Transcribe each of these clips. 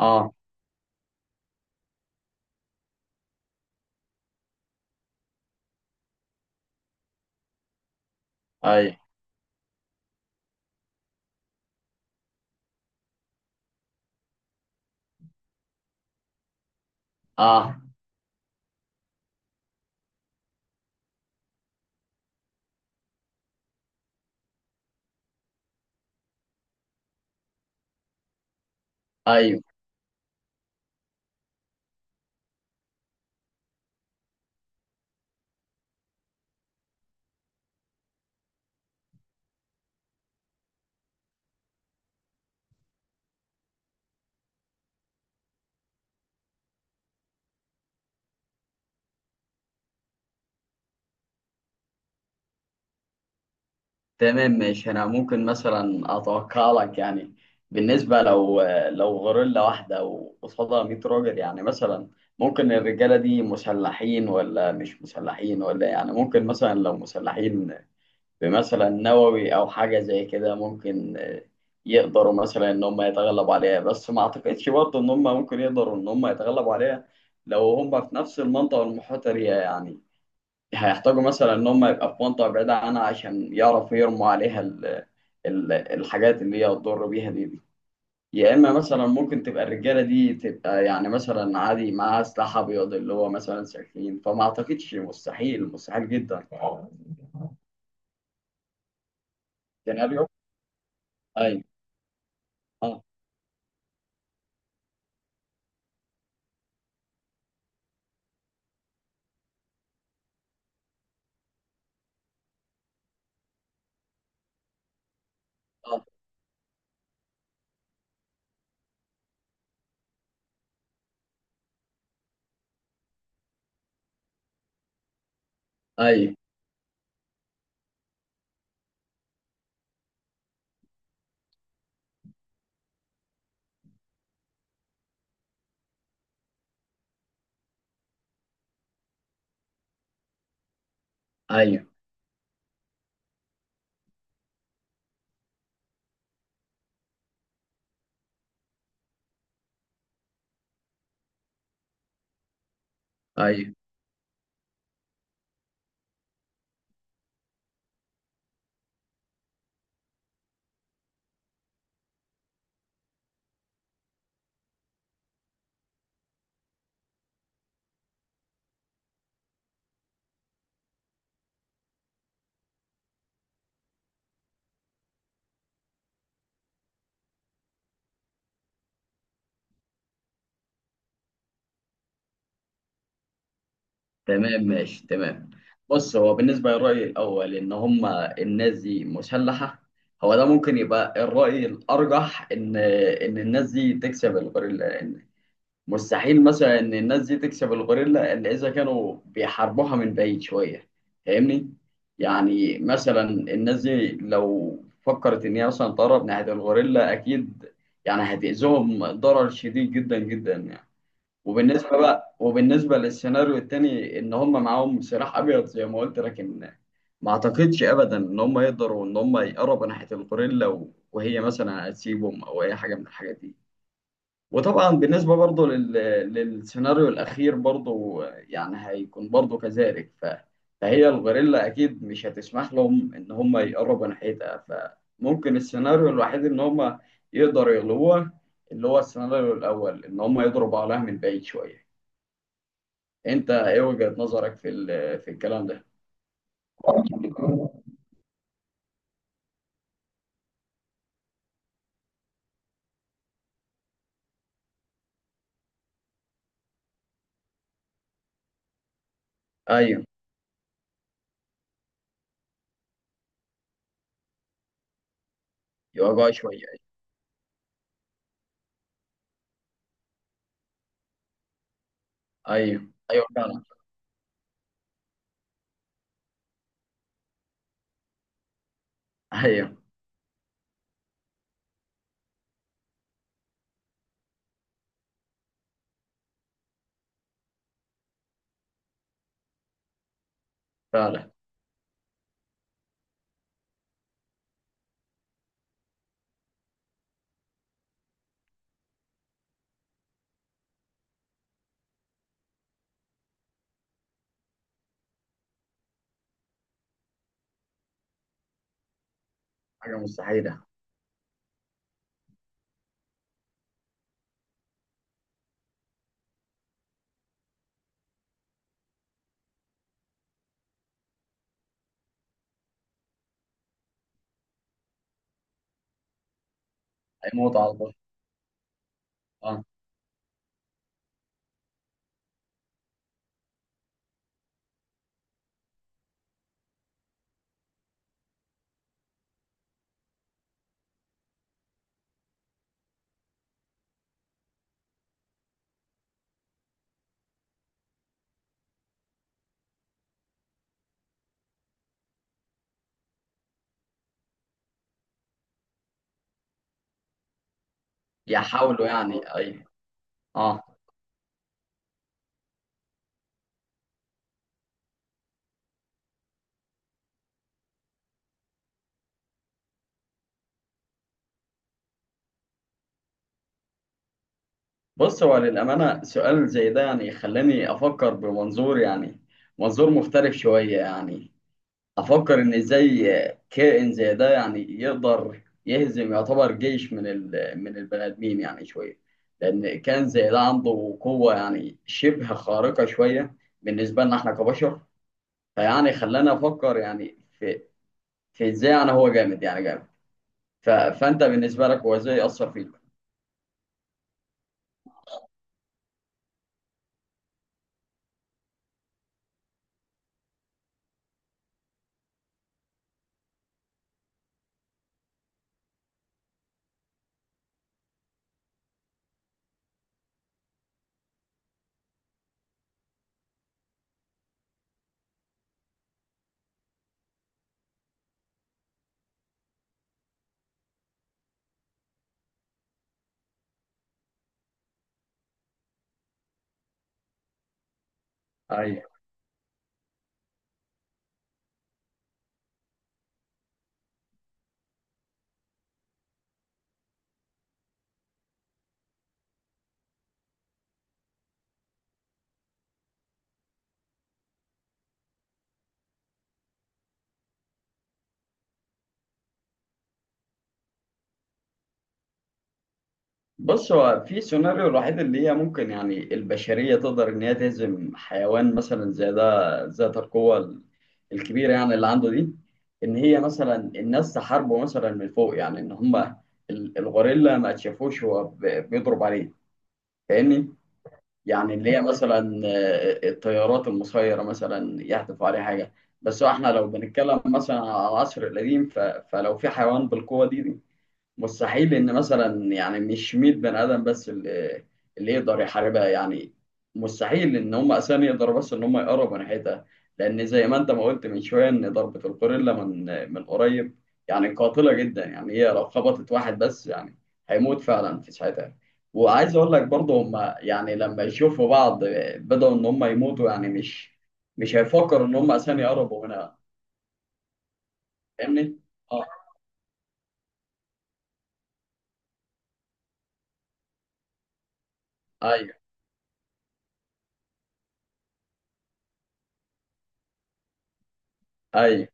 اه، اي، اه، ايوه، تمام ماشي. انا ممكن مثلا اتوقع لك، يعني بالنسبه لو غوريلا واحده وقصادها 100 راجل، يعني مثلا ممكن الرجاله دي مسلحين ولا مش مسلحين، ولا يعني ممكن مثلا لو مسلحين بمثلا نووي او حاجه زي كده، ممكن يقدروا مثلا ان هم يتغلبوا عليها. بس ما اعتقدش برضه ان هم ممكن يقدروا ان هم يتغلبوا عليها لو هم في نفس المنطقه المحيطه بيها يعني. هيحتاجوا مثلا ان هم يبقى في منطقه بعيده عنها عشان يعرفوا يرموا عليها ال الحاجات اللي هي تضر بيها دي. يا اما مثلا ممكن تبقى الرجاله دي تبقى يعني مثلا عادي معاها سلاح ابيض اللي هو مثلا سكين، فما اعتقدش، مستحيل، مستحيل جدا. سيناريو، ايوه، اه، اه، ايوه، ايوه، ايوه، تمام ماشي تمام. بص، هو بالنسبة للرأي الأول إن هما الناس دي مسلحة، هو ده ممكن يبقى الرأي الأرجح، إن الناس دي تكسب الغوريلا، لأن مستحيل مثلا إن الناس دي تكسب الغوريلا إلا إذا كانوا بيحاربوها من بعيد شوية. فاهمني؟ يعني مثلا الناس دي لو فكرت إن هي مثلا تقرب ناحية الغوريلا، أكيد يعني هتأذيهم ضرر شديد جدا جدا يعني. وبالنسبة بقى، وبالنسبة للسيناريو التاني إن هم معاهم سلاح أبيض زي ما قلت، لكن ما أعتقدش أبدا إن هم يقدروا إن هم يقربوا ناحية الغوريلا، وهي مثلا هتسيبهم أو أي حاجة من الحاجات دي. وطبعا بالنسبة برضه للسيناريو الأخير برضه، يعني هيكون برضه كذلك، فهي الغوريلا أكيد مش هتسمح لهم إن هم يقربوا ناحيتها. فممكن السيناريو الوحيد إن هم يقدروا يغلبوها اللي هو السيناريو الأول، إن هم يضربوا عليها من بعيد شوية. انت ايه وجهة نظرك في الكلام ده؟ ايوه، يوجعوا شويه. ايوه، ايوه فعلا. ايوه فعلا. حاجه مستحيله. هيموت على البشر. اه. يحاولوا يعني، ايوه. اه، بص، هو للامانه سؤال زي ده يعني خلاني افكر بمنظور، يعني منظور مختلف شويه يعني. افكر ان ازاي كائن زي ده يعني يقدر يهزم، يعتبر، جيش من البني ادمين يعني شويه، لان كائن زي ده عنده قوه يعني شبه خارقه شويه بالنسبه لنا احنا كبشر. فيعني خلانا افكر، يعني في ازاي، يعني هو جامد يعني جامد. فانت بالنسبه لك هو ازاي اثر فيك؟ ايوه. بص، هو في سيناريو الوحيد اللي هي ممكن يعني البشرية تقدر إن هي تهزم حيوان مثلا زي ده، ذات القوة الكبيرة يعني اللي عنده دي، إن هي مثلا الناس تحاربه مثلا من فوق، يعني إن هما الغوريلا ما تشافوش هو بيضرب عليه. فاهمني؟ يعني اللي هي مثلا الطيارات المسيرة مثلا يحدفوا عليه حاجة. بس هو إحنا لو بنتكلم مثلا على العصر القديم، فلو في حيوان بالقوة دي، مستحيل ان مثلا، يعني مش 100 بني ادم بس اللي يقدر يحاربها يعني. مستحيل ان هم اساسا يقدروا بس ان هم يقربوا ناحيتها، لان زي ما انت ما قلت من شويه ان ضربه الغوريلا من قريب، يعني قاتله جدا، يعني هي لو خبطت واحد بس يعني هيموت فعلا في ساعتها. وعايز اقول لك برضه، هم يعني لما يشوفوا بعض بدأوا ان هم يموتوا، يعني مش هيفكروا ان هم اساسا يقربوا منها. فاهمني؟ اه، ايوه، ايوه.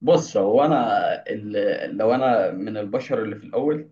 بص، هو انا، لو انا من البشر اللي في الاول،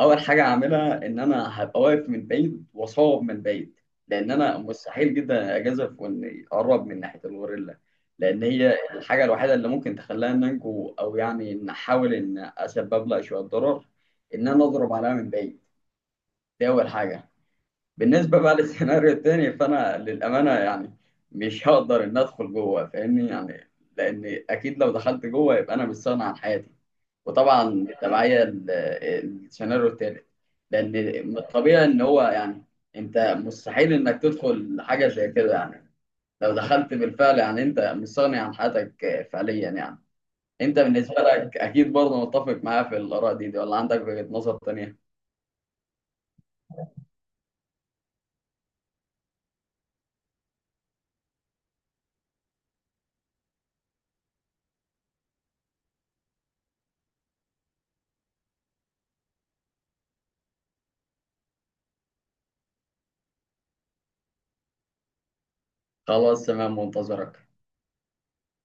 اول حاجه هعملها ان انا هبقى واقف من بعيد واصوب من بعيد، لان انا مستحيل جدا اجازف واني اقرب من ناحيه الغوريلا، لان هي الحاجه الوحيده اللي ممكن تخليها إن انجو، او يعني ان احاول ان اسبب لها شويه ضرر، ان انا اضرب عليها من بعيد. دي اول حاجه. بالنسبه بقى للسيناريو التاني، فانا للامانه يعني مش هقدر ان ادخل جوه، فاهمني يعني، لان اكيد لو دخلت جوه يبقى انا مستغني عن حياتي. وطبعا التبعية، السيناريو التالت، لأن من الطبيعي إن هو، يعني أنت مستحيل إنك تدخل حاجة زي كده يعني، لو دخلت بالفعل يعني أنت مستغني عن حياتك فعليا يعني. أنت بالنسبة لك أكيد برضه متفق معايا في الآراء دي ولا عندك وجهة نظر تانية؟ خلاص تمام، منتظرك.